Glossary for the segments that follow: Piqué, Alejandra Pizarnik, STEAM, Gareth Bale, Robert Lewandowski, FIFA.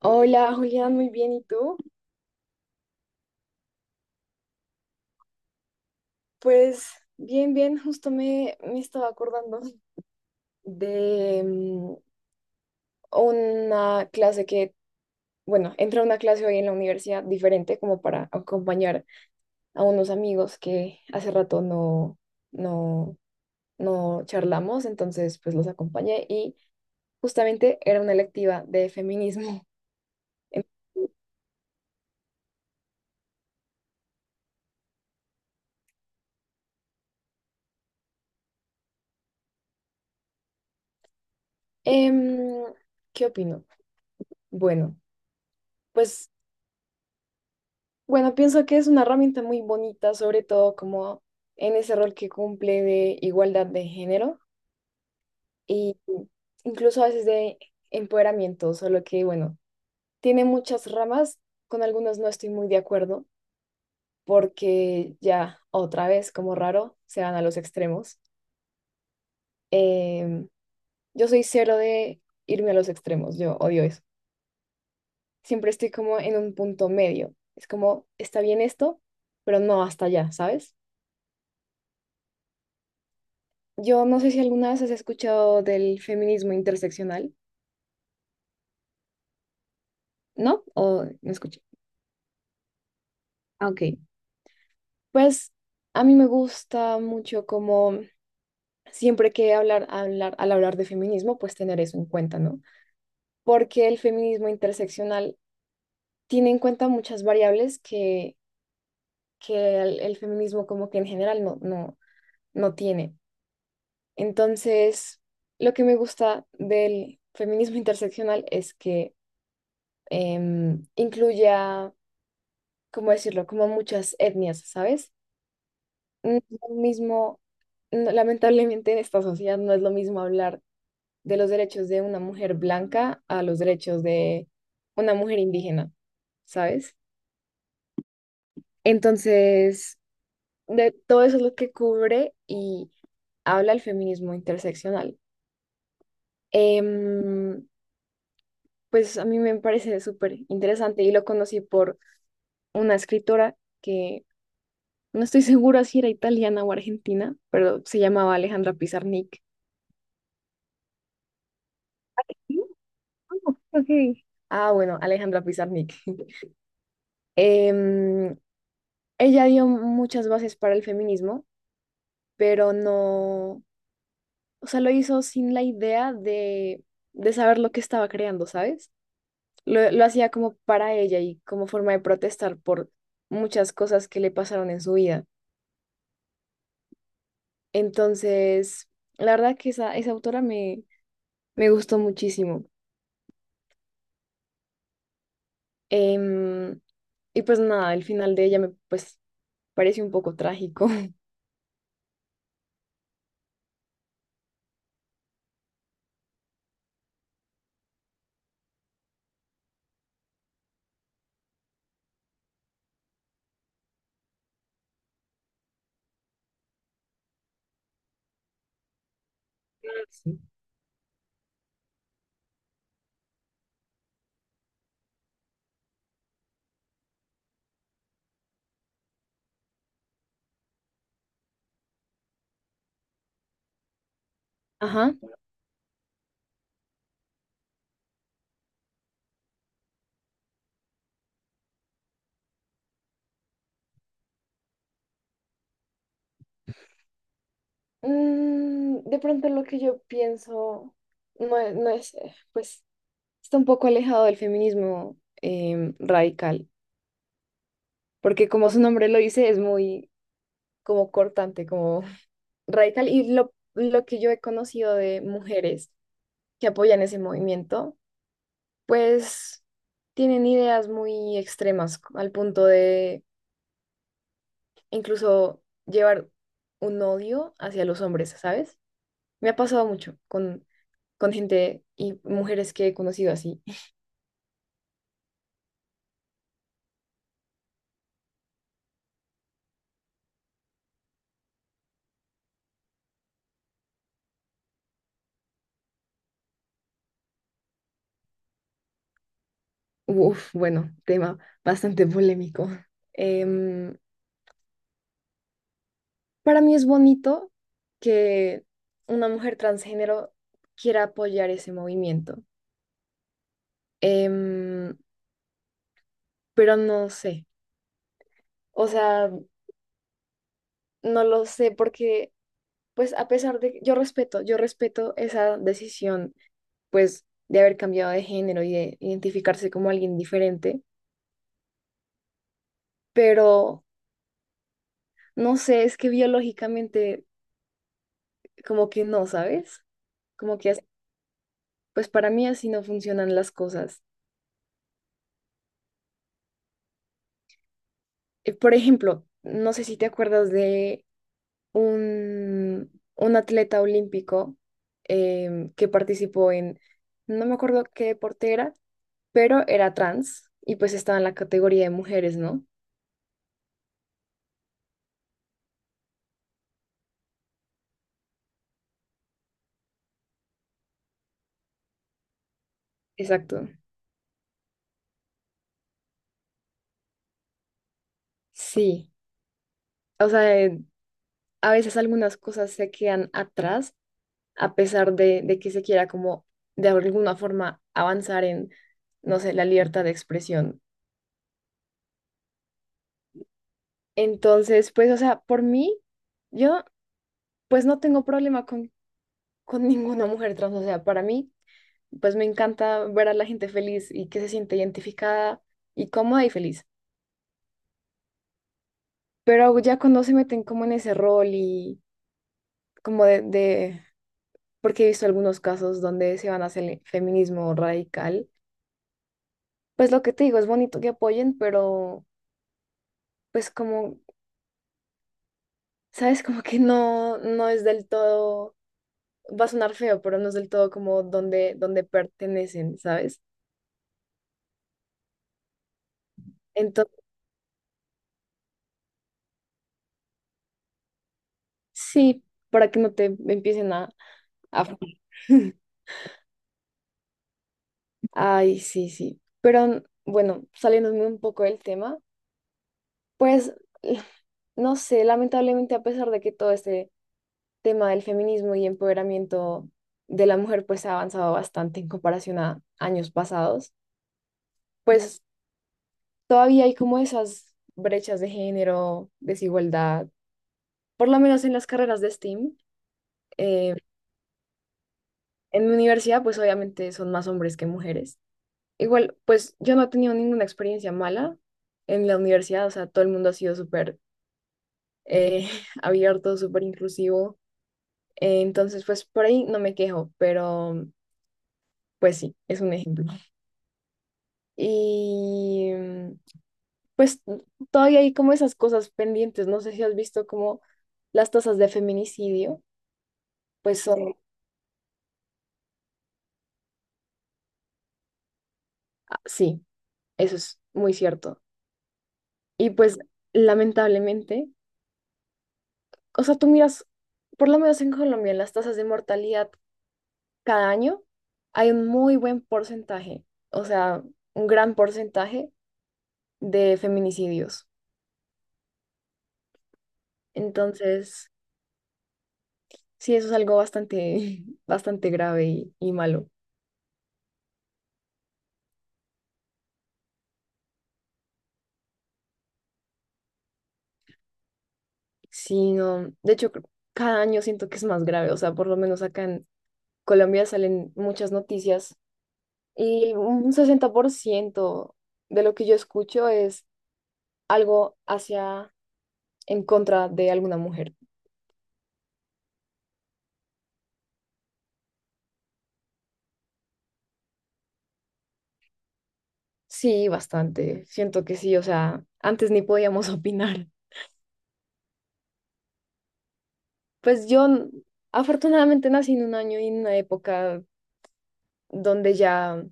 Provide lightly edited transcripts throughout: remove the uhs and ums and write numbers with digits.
Hola Julián, muy bien, ¿y tú? Pues bien, bien, justo me estaba acordando de una clase que, bueno, entré a una clase hoy en la universidad diferente como para acompañar a unos amigos que hace rato no, no charlamos, entonces pues los acompañé y justamente era una electiva de feminismo. Em, ¿Qué opino? Bueno, pues Bueno, pienso que es una herramienta muy bonita, sobre todo como en ese rol que cumple de igualdad de género y incluso a veces de empoderamiento, solo que bueno, tiene muchas ramas, con algunos no estoy muy de acuerdo porque ya otra vez, como raro, se van a los extremos. Em, yo soy cero de irme a los extremos, yo odio eso. Siempre estoy como en un punto medio. Es como, está bien esto, pero no hasta allá, ¿sabes? Yo no sé si alguna vez has escuchado del feminismo interseccional, ¿no? O no escuché. Ah, ok. Pues a mí me gusta mucho como siempre que al hablar de feminismo, pues tener eso en cuenta, ¿no? Porque el feminismo interseccional tiene en cuenta muchas variables que el feminismo como que en general no tiene. Entonces, lo que me gusta del feminismo interseccional es que incluya, ¿cómo decirlo? Como muchas etnias, ¿sabes? No es lo mismo, lamentablemente en esta sociedad no es lo mismo hablar de los derechos de una mujer blanca a los derechos de una mujer indígena, ¿sabes? Entonces, de todo eso es lo que cubre y habla el feminismo interseccional. Em, pues a mí me parece súper interesante y lo conocí por una escritora que... No estoy segura si era italiana o argentina, pero se llamaba Alejandra Pizarnik. Ok. Ah, bueno, Alejandra Pizarnik. Em, Ella dio muchas bases para el feminismo, pero no, o sea, lo hizo sin la idea de saber lo que estaba creando, ¿sabes? Lo hacía como para ella y como forma de protestar por muchas cosas que le pasaron en su vida. Entonces, la verdad que esa autora me gustó muchísimo. Em, y pues nada, el final de ella me pues parece un poco trágico. Sí. Ajá. Mm, de pronto lo que yo pienso no, es, no es, pues está un poco alejado del feminismo radical, porque como su nombre lo dice, es muy como cortante, como radical. Y lo que yo he conocido de mujeres que apoyan ese movimiento, pues tienen ideas muy extremas al punto de incluso llevar un odio hacia los hombres, ¿sabes? Me ha pasado mucho con gente y mujeres que he conocido así. Uf, bueno, tema bastante polémico. Em, para mí es bonito que una mujer transgénero quiera apoyar ese movimiento. Em, pero no sé, o sea, no lo sé porque, pues a pesar de que yo respeto esa decisión pues de haber cambiado de género y de identificarse como alguien diferente, pero no sé, es que biológicamente como que no, ¿sabes? Como que, pues para mí así no funcionan las cosas. Por ejemplo, no sé si te acuerdas de un atleta olímpico que participó en, no me acuerdo qué deporte era, pero era trans y pues estaba en la categoría de mujeres, ¿no? Exacto. Sí. O sea, a veces algunas cosas se quedan atrás a pesar de que se quiera como de alguna forma avanzar en, no sé, la libertad de expresión. Entonces, pues, o sea, por mí, yo pues no tengo problema con ninguna mujer trans, o sea, para mí, pues me encanta ver a la gente feliz y que se siente identificada y cómoda y feliz. Pero ya cuando se meten como en ese rol y como de porque he visto algunos casos donde se van hacia el feminismo radical. Pues lo que te digo, es bonito que apoyen, pero pues como, ¿sabes? Como que no, no es del todo, va a sonar feo, pero no es del todo como donde pertenecen, ¿sabes? Entonces, sí, para que no te empiecen a... fregar. Ay, sí, sí. Pero bueno, saliéndome un poco del tema, pues eh, no sé, lamentablemente a pesar de que todo este tema del feminismo y empoderamiento de la mujer pues ha avanzado bastante en comparación a años pasados, pues todavía hay como esas brechas de género, desigualdad, por lo menos en las carreras de STEAM. Eh, en mi universidad, pues obviamente son más hombres que mujeres. Igual, pues yo no he tenido ninguna experiencia mala en la universidad, o sea, todo el mundo ha sido súper eh, abierto, súper inclusivo. Entonces, pues por ahí no me quejo, pero pues sí, es un ejemplo. Y pues todavía hay como esas cosas pendientes, no sé si has visto como las tasas de feminicidio. Pues son, ah, sí, eso es muy cierto. Y pues lamentablemente, o sea, tú miras, por lo menos en Colombia, en las tasas de mortalidad cada año hay un muy buen porcentaje, o sea, un gran porcentaje de feminicidios. Entonces, sí, eso es algo bastante, bastante grave y malo. Sí, no, de hecho, cada año siento que es más grave, o sea, por lo menos acá en Colombia salen muchas noticias. Y un 60% de lo que yo escucho es algo hacia, en contra de alguna mujer. Sí, bastante. Siento que sí, o sea, antes ni podíamos opinar. Pues yo afortunadamente nací en un año y en una época donde ya,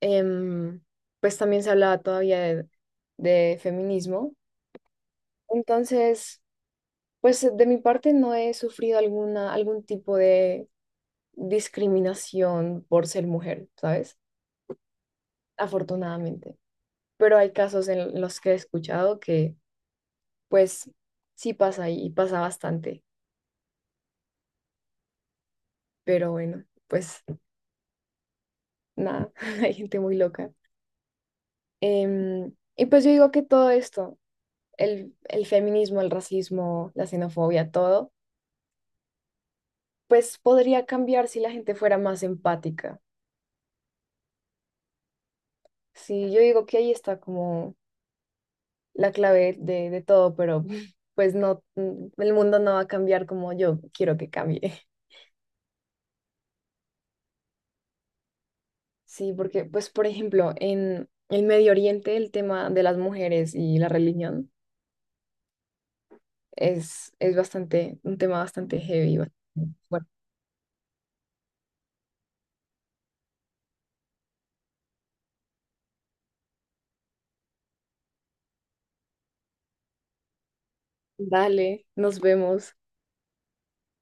em, pues también se hablaba todavía de feminismo. Entonces, pues de mi parte no he sufrido alguna, algún tipo de discriminación por ser mujer, ¿sabes? Afortunadamente. Pero hay casos en los que he escuchado que, pues, sí pasa y pasa bastante. Pero bueno, pues nada, hay gente muy loca. Y pues yo digo que todo esto, el feminismo, el racismo, la xenofobia, todo, pues podría cambiar si la gente fuera más empática. Sí, yo digo que ahí está como la clave de todo, pero pues no, mm, el mundo no va a cambiar como yo quiero que cambie. Sí, porque, pues, por ejemplo, en el Medio Oriente el tema de las mujeres y la religión es bastante, un tema bastante heavy. Bastante. Dale, nos vemos.